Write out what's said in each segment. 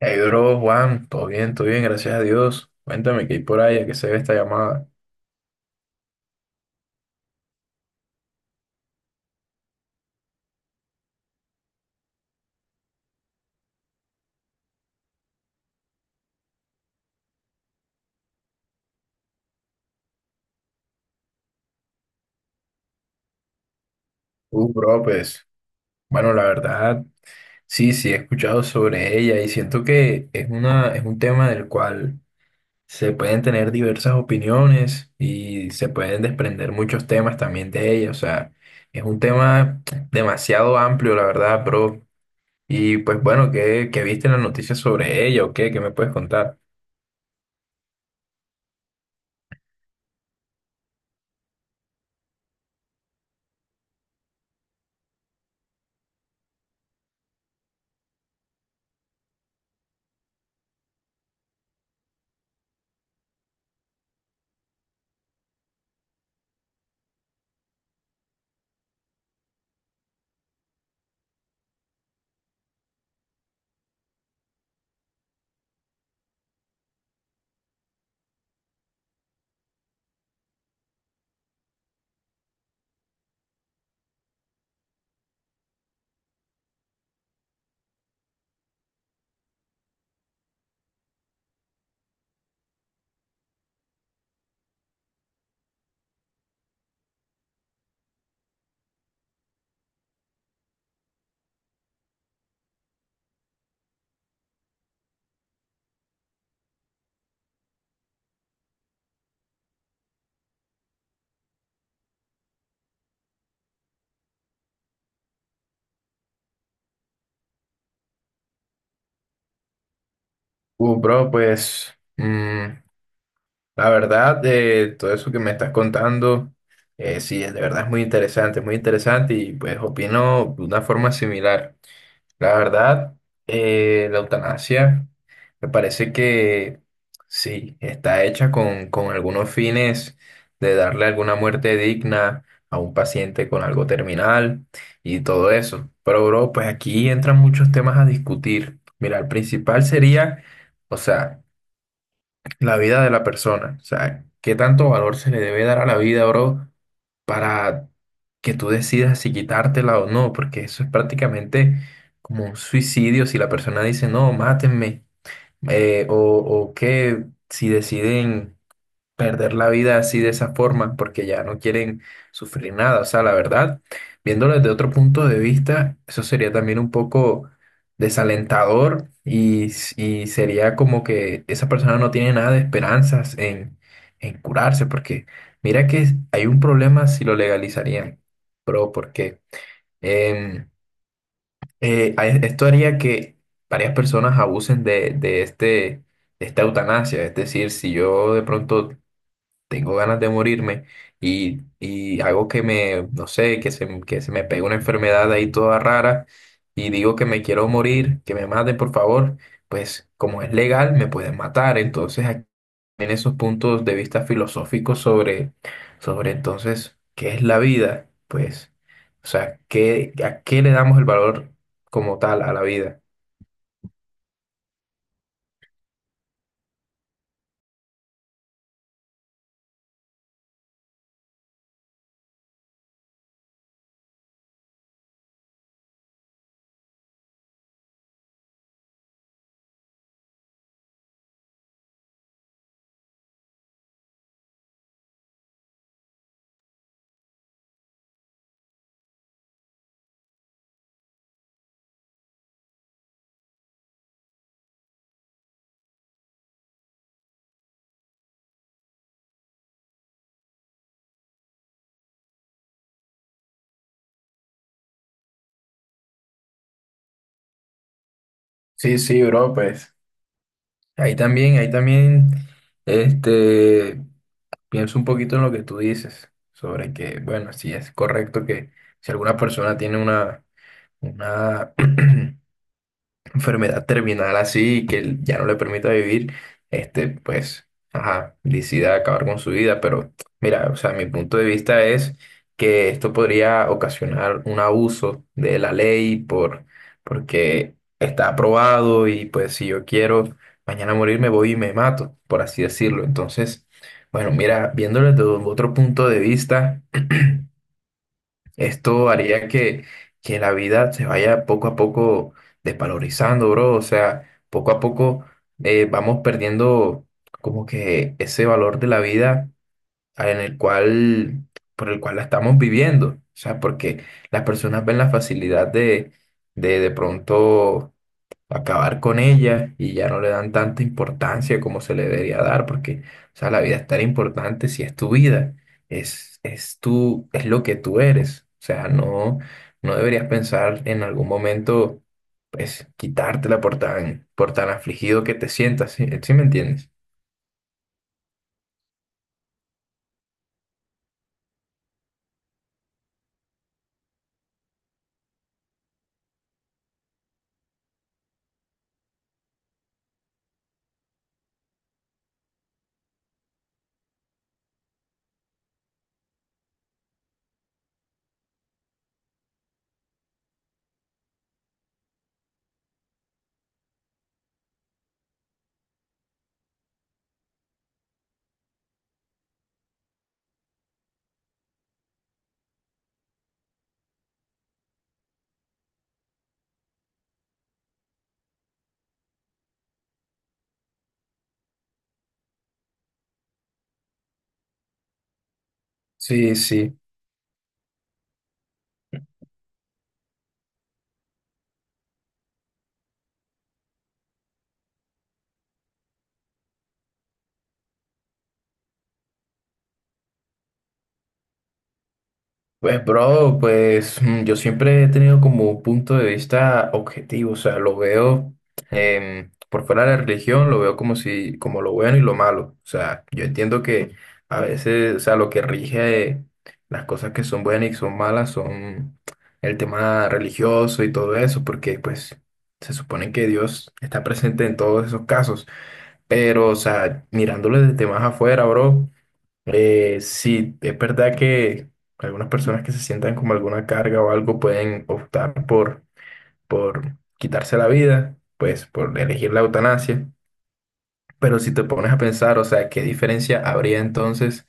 Hey, bro, Juan, todo bien, gracias a Dios. Cuéntame qué hay por ahí, a qué se ve esta llamada. Bro, pues, bueno, la verdad, sí, he escuchado sobre ella y siento que es un tema del cual se pueden tener diversas opiniones y se pueden desprender muchos temas también de ella. O sea, es un tema demasiado amplio, la verdad, bro. Y pues bueno, ¿ qué viste en las noticias sobre ella o qué? ¿Qué me puedes contar? Bro, pues. La verdad, de todo eso que me estás contando, sí, de verdad es muy interesante y pues opino de una forma similar. La verdad, la eutanasia me parece que sí, está hecha con algunos fines de darle alguna muerte digna a un paciente con algo terminal y todo eso. Pero bro, pues aquí entran muchos temas a discutir. Mira, el principal sería, o sea, la vida de la persona. O sea, qué tanto valor se le debe dar a la vida, bro, para que tú decidas si quitártela o no, porque eso es prácticamente como un suicidio si la persona dice, no, mátenme, o que si deciden perder la vida así de esa forma porque ya no quieren sufrir nada. O sea, la verdad, viéndolo desde otro punto de vista, eso sería también un poco desalentador y, y sería como que esa persona no tiene nada de esperanzas en curarse porque mira que hay un problema si lo legalizarían, pero porque em, esto haría que varias personas abusen de este... de esta eutanasia, es decir, si yo de pronto tengo ganas de morirme y hago que me, no sé, que se me pegue una enfermedad ahí toda rara y digo que me quiero morir, que me maten, por favor, pues como es legal, me pueden matar. Entonces, aquí en esos puntos de vista filosóficos sobre entonces, ¿qué es la vida? Pues, o sea, ¿ a qué le damos el valor como tal a la vida? Sí, bro, pues. Ahí también, este. Pienso un poquito en lo que tú dices, sobre que, bueno, sí es correcto que si alguna persona tiene una enfermedad terminal así que él ya no le permita vivir, este, pues, ajá, decida acabar con su vida. Pero mira, o sea, mi punto de vista es que esto podría ocasionar un abuso de la ley porque está aprobado y pues si yo quiero mañana morirme voy y me mato, por así decirlo. Entonces, bueno, mira, viéndolo desde otro punto de vista. Esto haría que la vida se vaya poco a poco desvalorizando, bro. O sea, poco a poco vamos perdiendo como que ese valor de la vida en el cual, por el cual la estamos viviendo. O sea, porque las personas ven la facilidad de pronto acabar con ella y ya no le dan tanta importancia como se le debería dar, porque, o sea, la vida es tan importante si es tu vida, es tú, es lo que tú eres. O sea, no, no deberías pensar en algún momento, pues, quitártela por tan afligido que te sientas, ¿sí? ¿Sí me entiendes? Sí, sí. Pues, bro, pues yo siempre he tenido como un punto de vista objetivo, o sea, lo veo por fuera de la religión, lo veo como si, como lo bueno y lo malo. O sea, yo entiendo que a veces, o sea, lo que rige las cosas que son buenas y son malas son el tema religioso y todo eso, porque pues se supone que Dios está presente en todos esos casos. Pero, o sea, mirándolo desde más afuera, bro. Sí, es verdad que algunas personas que se sientan como alguna carga o algo pueden optar por quitarse la vida, pues por elegir la eutanasia. Pero si te pones a pensar, o sea, ¿qué diferencia habría entonces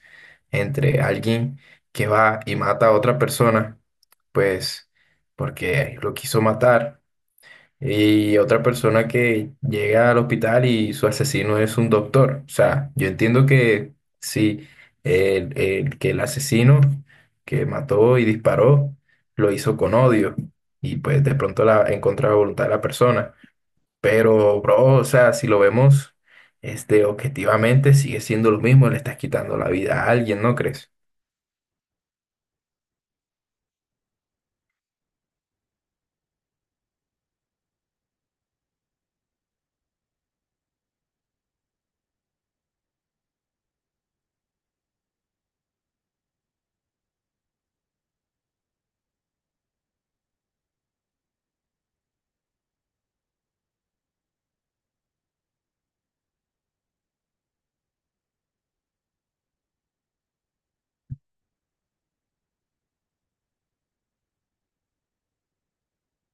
entre alguien que va y mata a otra persona, pues porque lo quiso matar? Y otra persona que llega al hospital y su asesino es un doctor. O sea, yo entiendo que sí, que el asesino que mató y disparó lo hizo con odio y pues de pronto en contra de la voluntad de la persona. Pero, bro, o sea, si lo vemos este, objetivamente, sigue siendo lo mismo, le estás quitando la vida a alguien, ¿no crees?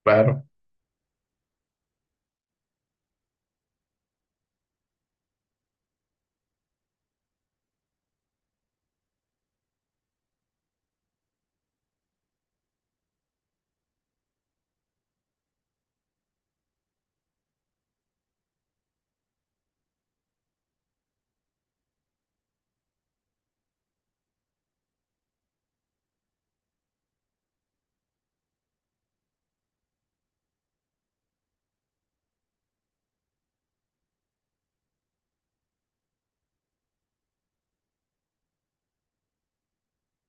Claro.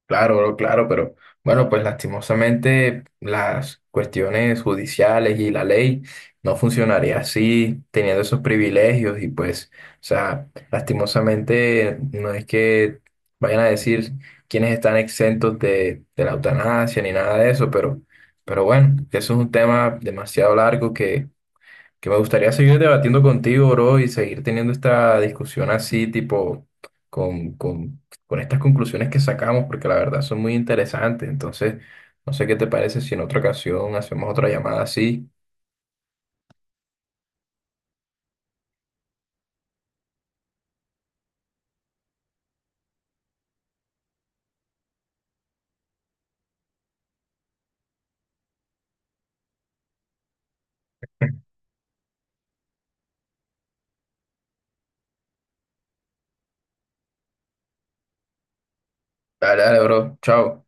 Claro, bro, claro, pero bueno, pues lastimosamente las cuestiones judiciales y la ley no funcionaría así, teniendo esos privilegios y pues, o sea, lastimosamente no es que vayan a decir quiénes están exentos de la eutanasia ni nada de eso, pero bueno, eso es un tema demasiado largo que me gustaría seguir debatiendo contigo, bro, y seguir teniendo esta discusión así, tipo, con, con, con estas conclusiones que sacamos, porque la verdad son muy interesantes. Entonces, no sé qué te parece si en otra ocasión hacemos otra llamada así. Dale, dale, bro. Chao.